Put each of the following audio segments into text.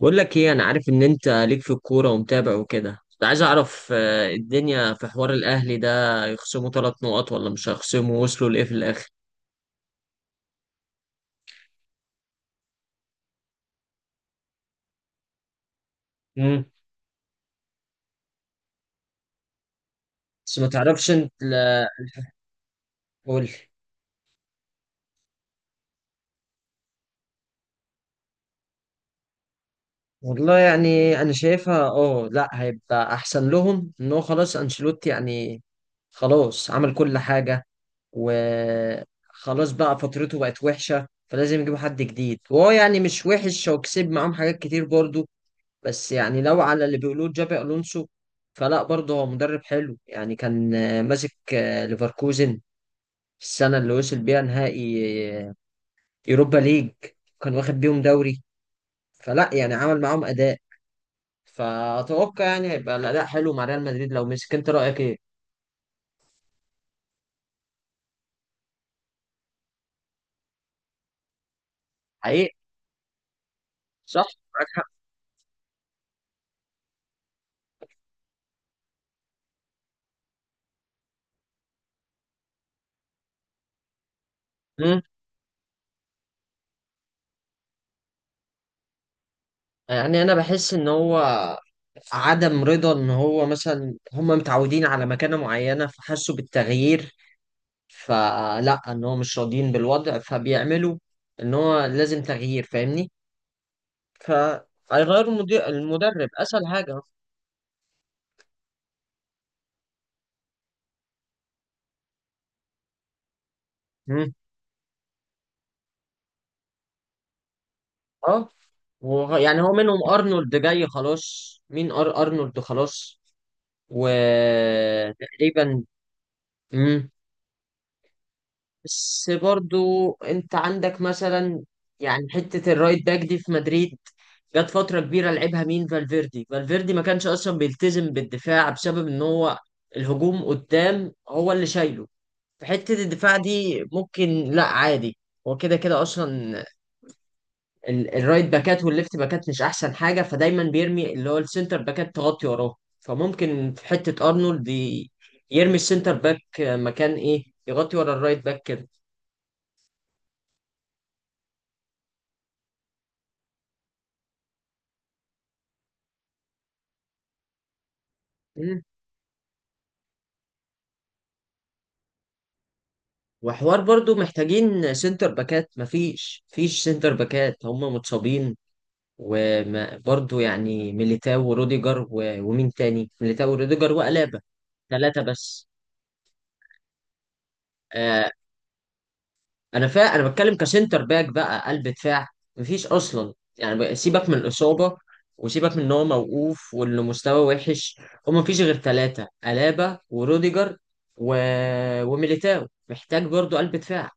بقول لك ايه، انا عارف ان انت ليك في الكوره ومتابع وكده. كنت عايز اعرف الدنيا في حوار الاهلي ده يخصموا ثلاث نقط ولا مش هيخصموا، وصلوا لايه في الاخر؟ امم بس ما تعرفش انت، لا، قول. والله يعني انا شايفها، اه لا هيبقى احسن لهم ان هو خلاص انشيلوتي، يعني خلاص عمل كل حاجه وخلاص بقى، فترته بقت وحشه فلازم يجيبوا حد جديد، وهو يعني مش وحش وكسب معاهم حاجات كتير برضو. بس يعني لو على اللي بيقولوه جابي الونسو، فلا برضه هو مدرب حلو يعني. كان ماسك ليفركوزن في السنه اللي وصل بيها نهائي آه، يوروبا ليج، كان واخد بيهم دوري، فلا يعني عمل معاهم اداء. فاتوقع يعني هيبقى الاداء حلو مع ريال مدريد لو مسك. انت رايك ايه؟ حقيقي. صح، معاك حق. مم. يعني انا بحس ان هو عدم رضا، ان هو مثلا هم متعودين على مكانة معينة فحسوا بالتغيير، فلا ان هو مش راضيين بالوضع فبيعملوا ان هو لازم تغيير، فاهمني؟ فهيغيروا المدير المدرب، اسهل حاجه. مم. اه. يعني هو منهم ارنولد جاي خلاص، مين ارنولد خلاص. وتقريبا. بس برضو انت عندك مثلا، يعني حتة الرايت باك دي في مدريد جت فترة كبيرة لعبها مين، فالفيردي. ما كانش اصلا بيلتزم بالدفاع بسبب ان هو الهجوم قدام هو اللي شايله. في حتة الدفاع دي ممكن لا عادي، هو كده كده اصلا الرايت باكات والليفت باكات مش احسن حاجة، فدايما بيرمي اللي هو السنتر باكات تغطي وراه. فممكن في حتة ارنولد يرمي السنتر باك مكان ايه، يغطي ورا الرايت باك كده. وحوار برضو محتاجين سنتر باكات، مفيش سنتر باكات، هم متصابين. وبرضو يعني ميليتاو وروديجر ومين تاني، ميليتاو وروديجر وألابا. ثلاثة بس. آه. أنا بتكلم كسنتر باك بقى، قلب دفاع. مفيش أصلا يعني سيبك من الإصابة، وسيبك من إن هو موقوف وإنه مستواه وحش. هم مفيش غير ثلاثة، ألابا وروديجر و... وميليتاو، محتاج برضو قلب دفاع.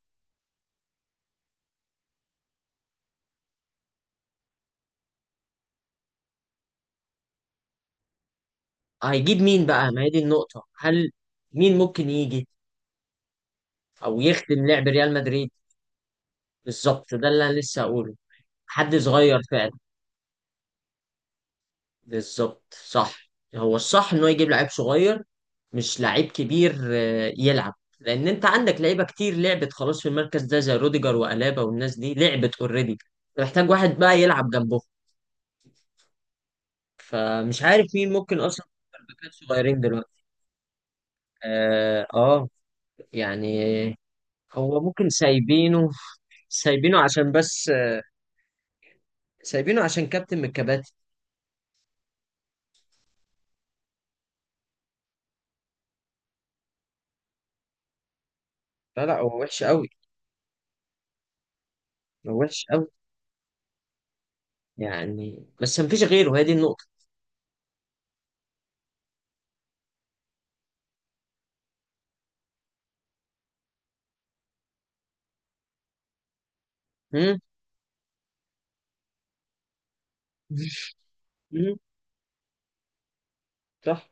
هيجيب مين بقى؟ ما هي دي النقطة. هل مين ممكن يجي او يخدم لعب ريال مدريد؟ بالظبط، ده اللي انا لسه هقوله. حد صغير فعلا. بالظبط صح. هو الصح انه يجيب لعيب صغير، مش لعيب كبير يلعب. لان انت عندك لعيبه كتير لعبت خلاص في المركز ده، زي روديجر والابا والناس دي لعبت اوريدي. محتاج واحد بقى يلعب جنبه، فمش عارف مين ممكن اصلا. باكات صغيرين دلوقتي. اه, آه. يعني. هو ممكن سايبينه، سايبينه عشان بس سايبينه عشان كابتن من الكباتن. لا لا، هو وحش قوي. هو وحش قوي. يعني بس مفيش غيره، هي دي النقطة. مم. مم. صح.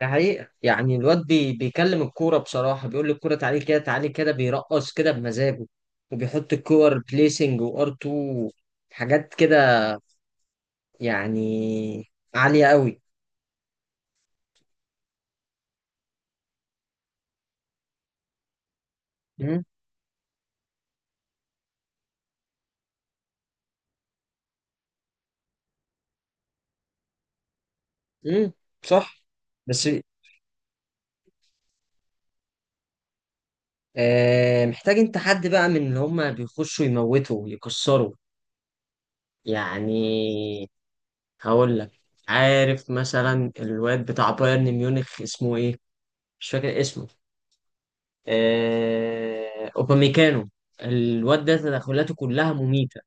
ده حقيقة، يعني الواد بي بيكلم الكورة بصراحة، بيقول الكورة تعالي كده تعالي كده، بيرقص كده بمزاجه وبيحط الكور بليسنج وار 2، حاجات كده، يعني عالية قوي. مم. مم. صح. بس آه محتاج انت حد بقى من اللي هما بيخشوا يموتوا يكسروا، يعني. هقول لك، عارف مثلا الواد بتاع بايرن ميونخ اسمه ايه؟ مش فاكر اسمه. اوباميكانو. الواد ده تدخلاته كلها مميتة.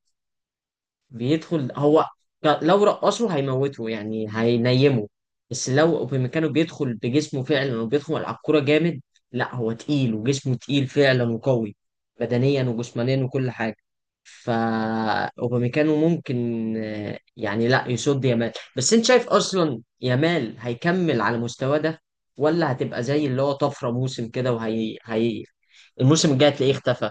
بيدخل هو، لو رقصه هيموته يعني هينيمه. بس لو اوبامكانو بيدخل بجسمه فعلا وبيدخل على الكوره جامد، لا هو تقيل وجسمه تقيل فعلا وقوي، بدنيا وجسمانيا وكل حاجه. فا اوبامكانو ممكن يعني لا يصد يامال. بس انت شايف اصلا يامال هيكمل على المستوى ده، ولا هتبقى زي اللي هو طفره موسم كده وهي هي، الموسم الجاي هتلاقيه اختفى؟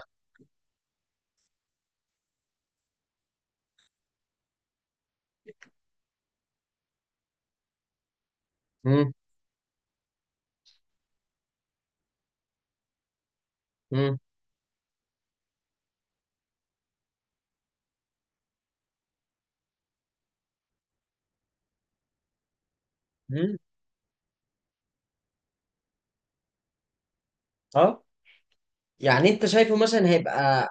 مم. مم. مم. اه. يعني انت شايفه مثلا هيبقى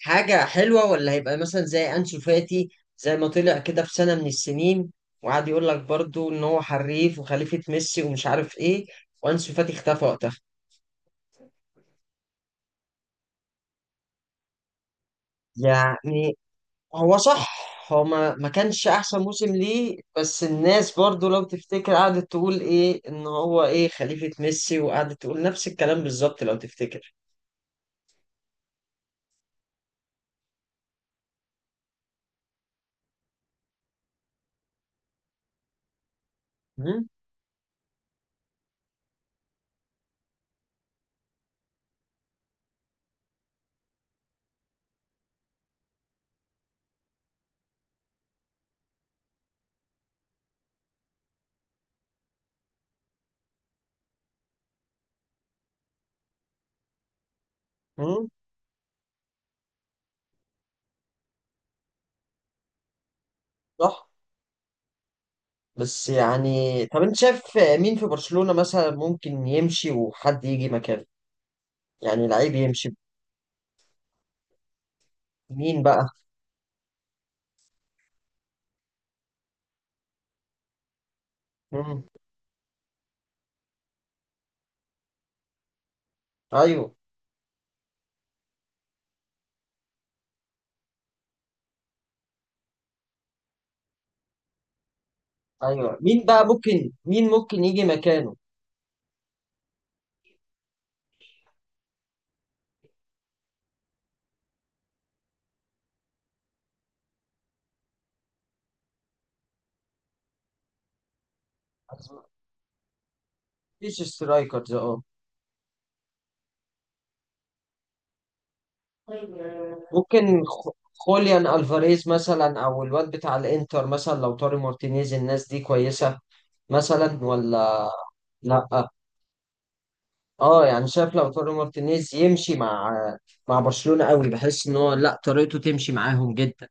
حاجة حلوة، ولا هيبقى مثلا زي أنسو فاتي، زي ما طلع كده في سنة من السنين وقعد يقول لك برضو إن هو حريف وخليفة ميسي ومش عارف إيه، وأنسو فاتي اختفى وقتها. يعني هو صح، هو ما كانش أحسن موسم ليه، بس الناس برضو لو تفتكر قعدت تقول إيه، إن هو إيه خليفة ميسي، وقعدت تقول نفس الكلام بالظبط لو تفتكر. مم، مم، صح. بس يعني طب أنت شايف مين في برشلونة مثلا ممكن يمشي وحد يجي مكانه، يعني لعيب يمشي؟ مين بقى؟ مم. ايوه. ايوه مين بقى ممكن، مين ممكن يجي مكانه؟ مفيش سترايكرز اه. ممكن خوليان الفاريز مثلا، او الواد بتاع الانتر مثلا، لو طاري مارتينيز، الناس دي كويسه مثلا ولا لا؟ اه يعني شايف لو طاري مارتينيز يمشي مع مع برشلونه قوي، بحس ان هو لا طريقته تمشي معاهم جدا.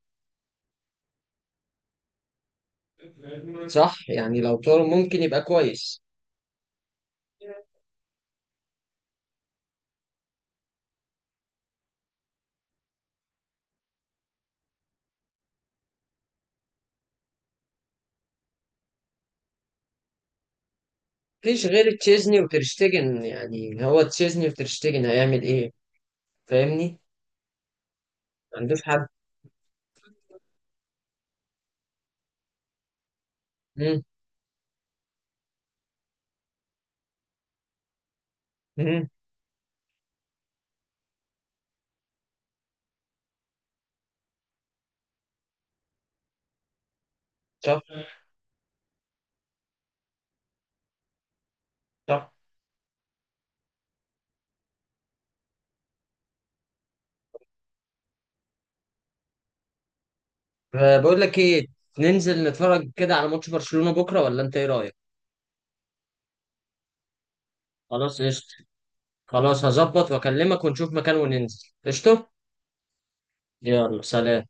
صح يعني لو طارو ممكن يبقى كويس. مفيش غير تشيزني وترشتجن، يعني هو تشيزني وترشتجن هيعمل ايه؟ فاهمني. ما عندوش حد. مم. مم. صح. صح. بقول لك ايه، ننزل نتفرج كده على ماتش برشلونة بكرة، ولا انت ايه رأيك؟ خلاص قشطة. خلاص هظبط واكلمك ونشوف مكان وننزل، قشطة. يلا سلام.